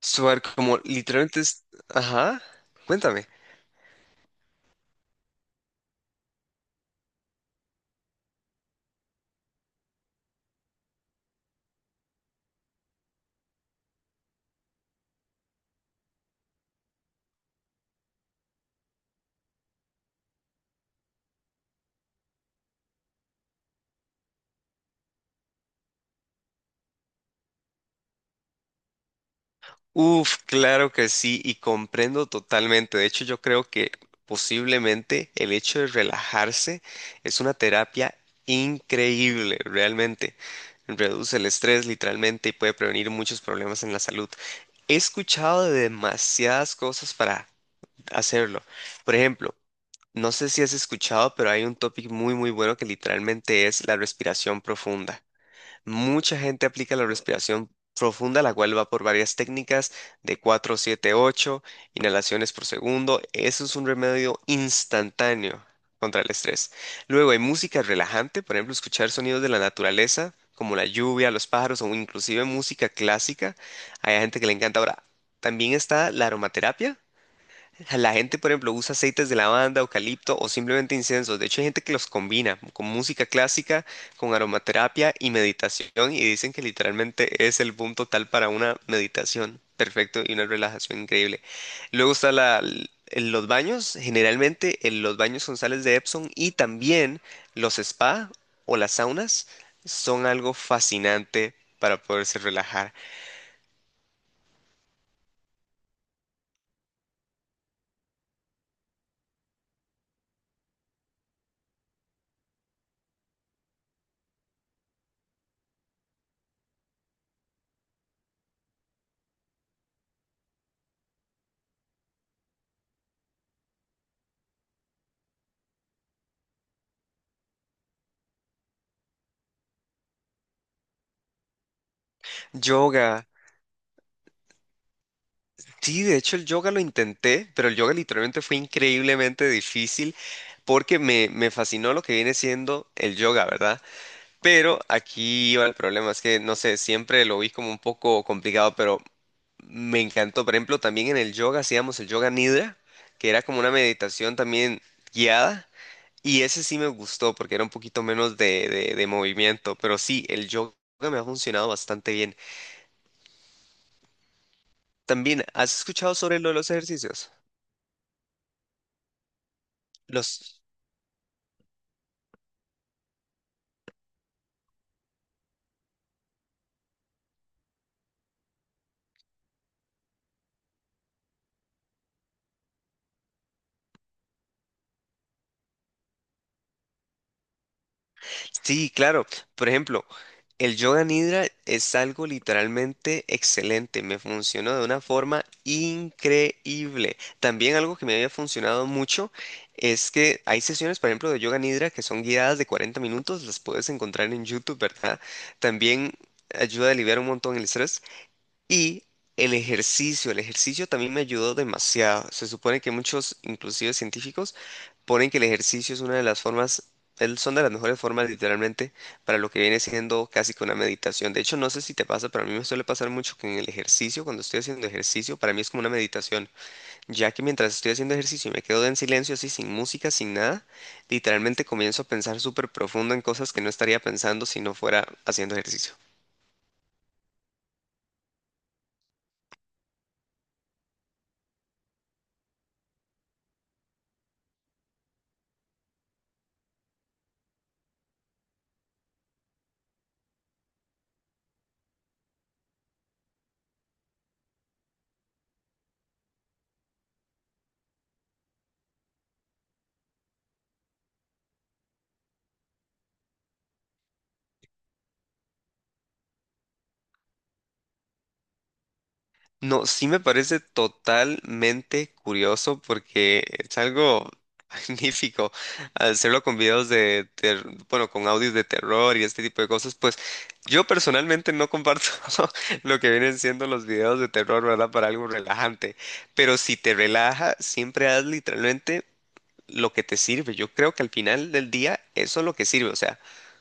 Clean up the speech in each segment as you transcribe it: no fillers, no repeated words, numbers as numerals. Suar, como literalmente es. Ajá, cuéntame. Uf, claro que sí, y comprendo totalmente. De hecho, yo creo que posiblemente el hecho de relajarse es una terapia increíble, realmente. Reduce el estrés literalmente y puede prevenir muchos problemas en la salud. He escuchado de demasiadas cosas para hacerlo. Por ejemplo, no sé si has escuchado, pero hay un topic muy, muy bueno que literalmente es la respiración profunda. Mucha gente aplica la respiración profunda, la cual va por varias técnicas de 4, 7, 8 inhalaciones por segundo. Eso es un remedio instantáneo contra el estrés. Luego hay música relajante, por ejemplo, escuchar sonidos de la naturaleza, como la lluvia, los pájaros o inclusive música clásica. Hay gente que le encanta. Ahora, también está la aromaterapia. La gente, por ejemplo, usa aceites de lavanda, eucalipto o simplemente incensos. De hecho, hay gente que los combina con música clásica, con aromaterapia y meditación y dicen que literalmente es el boom total para una meditación perfecto y una relajación increíble. Luego está la, en los baños, generalmente en los baños con sales de Epsom y también los spa o las saunas son algo fascinante para poderse relajar. Yoga. Sí, de hecho el yoga lo intenté, pero el yoga literalmente fue increíblemente difícil porque me fascinó lo que viene siendo el yoga, ¿verdad? Pero aquí iba el problema, es que no sé, siempre lo vi como un poco complicado, pero me encantó. Por ejemplo, también en el yoga hacíamos el yoga nidra, que era como una meditación también guiada, y ese sí me gustó porque era un poquito menos de movimiento, pero sí, el yoga me ha funcionado bastante bien. También, ¿has escuchado sobre lo de los ejercicios? Los... Sí, claro. Por ejemplo, el yoga nidra es algo literalmente excelente. Me funcionó de una forma increíble. También algo que me había funcionado mucho es que hay sesiones, por ejemplo, de yoga nidra que son guiadas de 40 minutos. Las puedes encontrar en YouTube, ¿verdad? También ayuda a aliviar un montón el estrés. Y el ejercicio también me ayudó demasiado. Se supone que muchos, inclusive científicos, ponen que el ejercicio es una de las formas, son de las mejores formas literalmente para lo que viene siendo casi que una meditación. De hecho, no sé si te pasa, pero a mí me suele pasar mucho que en el ejercicio, cuando estoy haciendo ejercicio, para mí es como una meditación, ya que mientras estoy haciendo ejercicio y me quedo en silencio, así sin música, sin nada, literalmente comienzo a pensar súper profundo en cosas que no estaría pensando si no fuera haciendo ejercicio. No, sí me parece totalmente curioso porque es algo magnífico hacerlo con videos bueno, con audios de terror y este tipo de cosas. Pues yo personalmente no comparto lo que vienen siendo los videos de terror, ¿verdad? Para algo relajante. Pero si te relaja, siempre haz literalmente lo que te sirve. Yo creo que al final del día eso es lo que sirve, o sea,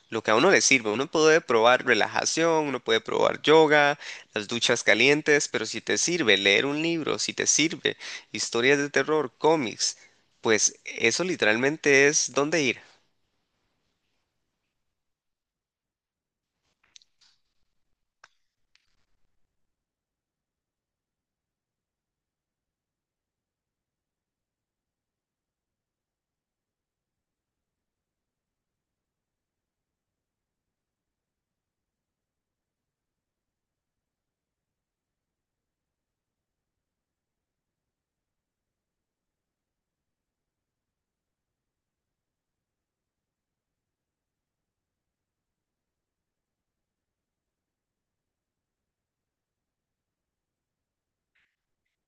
lo que a uno le sirve. Uno puede probar relajación, uno puede probar yoga, las duchas calientes, pero si te sirve leer un libro, si te sirve historias de terror, cómics, pues eso literalmente es dónde ir.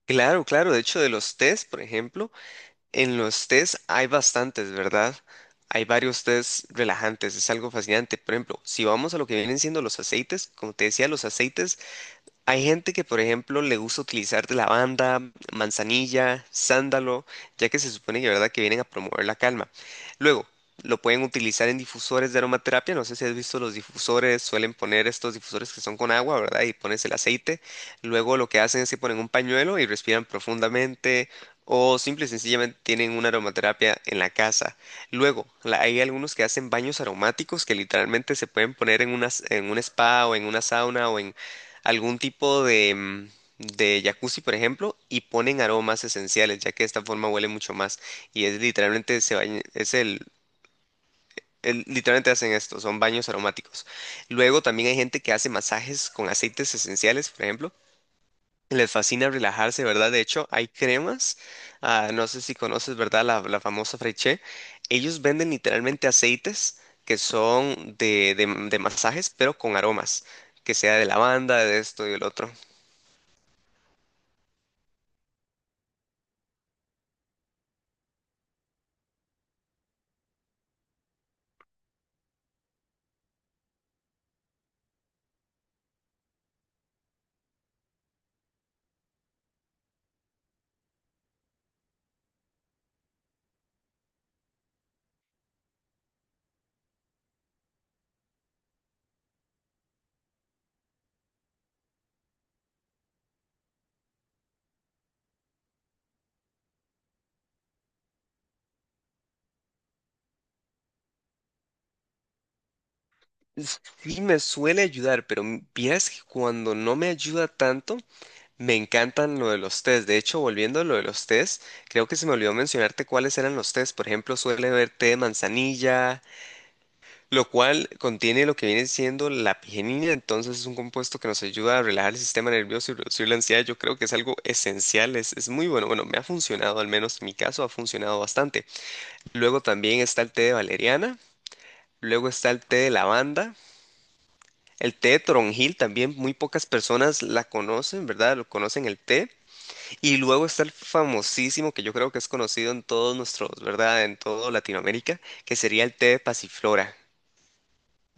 Claro, claro. De hecho, de los test, por ejemplo, en los test hay bastantes, ¿verdad? Hay varios test relajantes, es algo fascinante. Por ejemplo, si vamos a lo que vienen siendo los aceites, como te decía, los aceites. Hay gente que, por ejemplo, le gusta utilizar de lavanda, manzanilla, sándalo, ya que se supone que, ¿verdad?, que vienen a promover la calma. Luego, lo pueden utilizar en difusores de aromaterapia. No sé si has visto los difusores, suelen poner estos difusores que son con agua, ¿verdad? Y pones el aceite. Luego lo que hacen es que ponen un pañuelo y respiran profundamente. O simple y sencillamente tienen una aromaterapia en la casa. Luego, hay algunos que hacen baños aromáticos que literalmente se pueden poner en una, en un spa o en una sauna o en algún tipo de, de jacuzzi, por ejemplo, y ponen aromas esenciales, ya que de esta forma huele mucho más. Y es literalmente, se baña- es el- literalmente hacen esto, son baños aromáticos. Luego también hay gente que hace masajes con aceites esenciales, por ejemplo. Les fascina relajarse, ¿verdad? De hecho, hay cremas, ah, no sé si conoces, ¿verdad? La famosa fraiche. Ellos venden literalmente aceites que son de, de masajes, pero con aromas, que sea de lavanda, de esto y del otro. Sí, me suele ayudar, pero vieras que cuando no me ayuda tanto, me encantan lo de los test. De hecho, volviendo a lo de los test, creo que se me olvidó mencionarte cuáles eran los test. Por ejemplo, suele haber té de manzanilla, lo cual contiene lo que viene siendo la pigenina, entonces es un compuesto que nos ayuda a relajar el sistema nervioso y reducir la ansiedad. Yo creo que es algo esencial, es muy bueno. Bueno, me ha funcionado, al menos en mi caso ha funcionado bastante. Luego también está el té de valeriana, luego está el té de lavanda. El té de toronjil también muy pocas personas la conocen, ¿verdad? Lo conocen el té. Y luego está el famosísimo, que yo creo que es conocido en todos nuestros, ¿verdad? En toda Latinoamérica, que sería el té de pasiflora.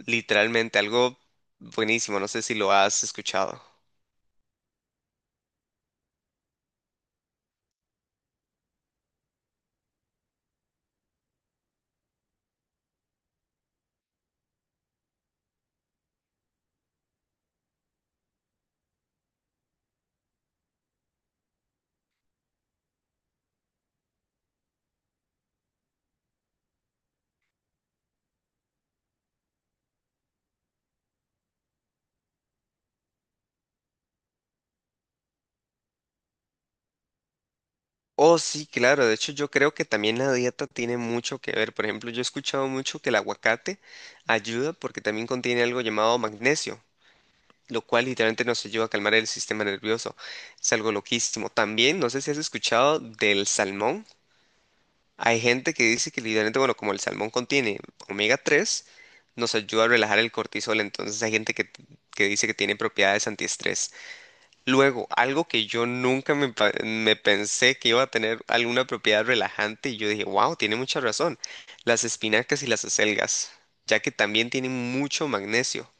Literalmente, algo buenísimo, no sé si lo has escuchado. Oh, sí, claro, de hecho yo creo que también la dieta tiene mucho que ver. Por ejemplo, yo he escuchado mucho que el aguacate ayuda porque también contiene algo llamado magnesio, lo cual literalmente nos ayuda a calmar el sistema nervioso. Es algo loquísimo. También, no sé si has escuchado del salmón. Hay gente que dice que literalmente, bueno, como el salmón contiene omega-3 nos ayuda a relajar el cortisol. Entonces hay gente que dice que tiene propiedades antiestrés. Luego, algo que yo nunca me pensé que iba a tener alguna propiedad relajante y yo dije, wow, tiene mucha razón. Las espinacas y las acelgas, ya que también tienen mucho magnesio.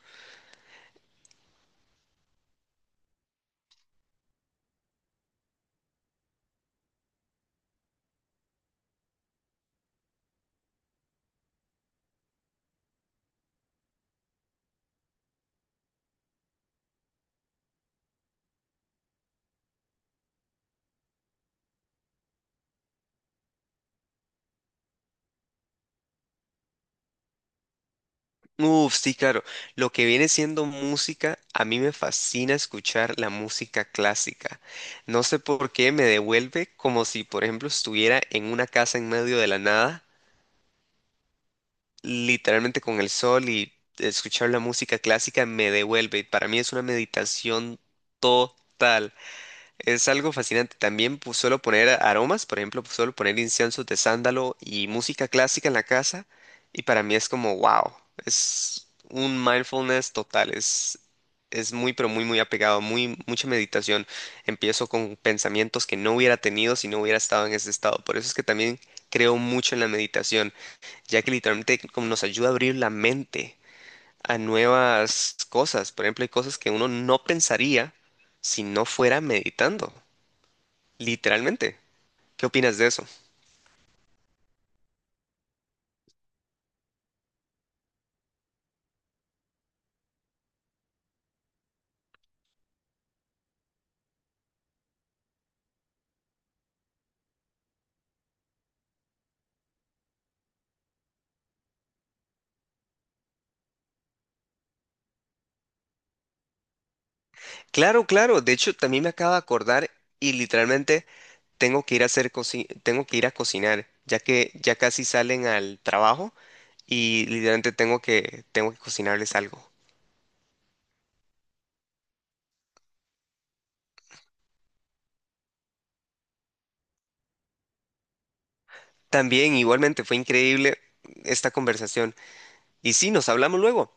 Uf, sí, claro. Lo que viene siendo música, a mí me fascina escuchar la música clásica. No sé por qué me devuelve como si, por ejemplo, estuviera en una casa en medio de la nada, literalmente con el sol y escuchar la música clásica me devuelve. Para mí es una meditación total. Es algo fascinante. También pues, suelo poner aromas, por ejemplo, pues, suelo poner inciensos de sándalo y música clásica en la casa. Y para mí es como, wow, es un mindfulness total. Es muy, pero muy, muy apegado, muy, mucha meditación. Empiezo con pensamientos que no hubiera tenido si no hubiera estado en ese estado. Por eso es que también creo mucho en la meditación, ya que literalmente como nos ayuda a abrir la mente a nuevas cosas. Por ejemplo, hay cosas que uno no pensaría si no fuera meditando. Literalmente. ¿Qué opinas de eso? Claro, claro. De hecho, también me acabo de acordar y literalmente tengo que ir a tengo que ir a cocinar, ya que ya casi salen al trabajo y literalmente tengo que cocinarles algo. También igualmente fue increíble esta conversación. Y sí, nos hablamos luego.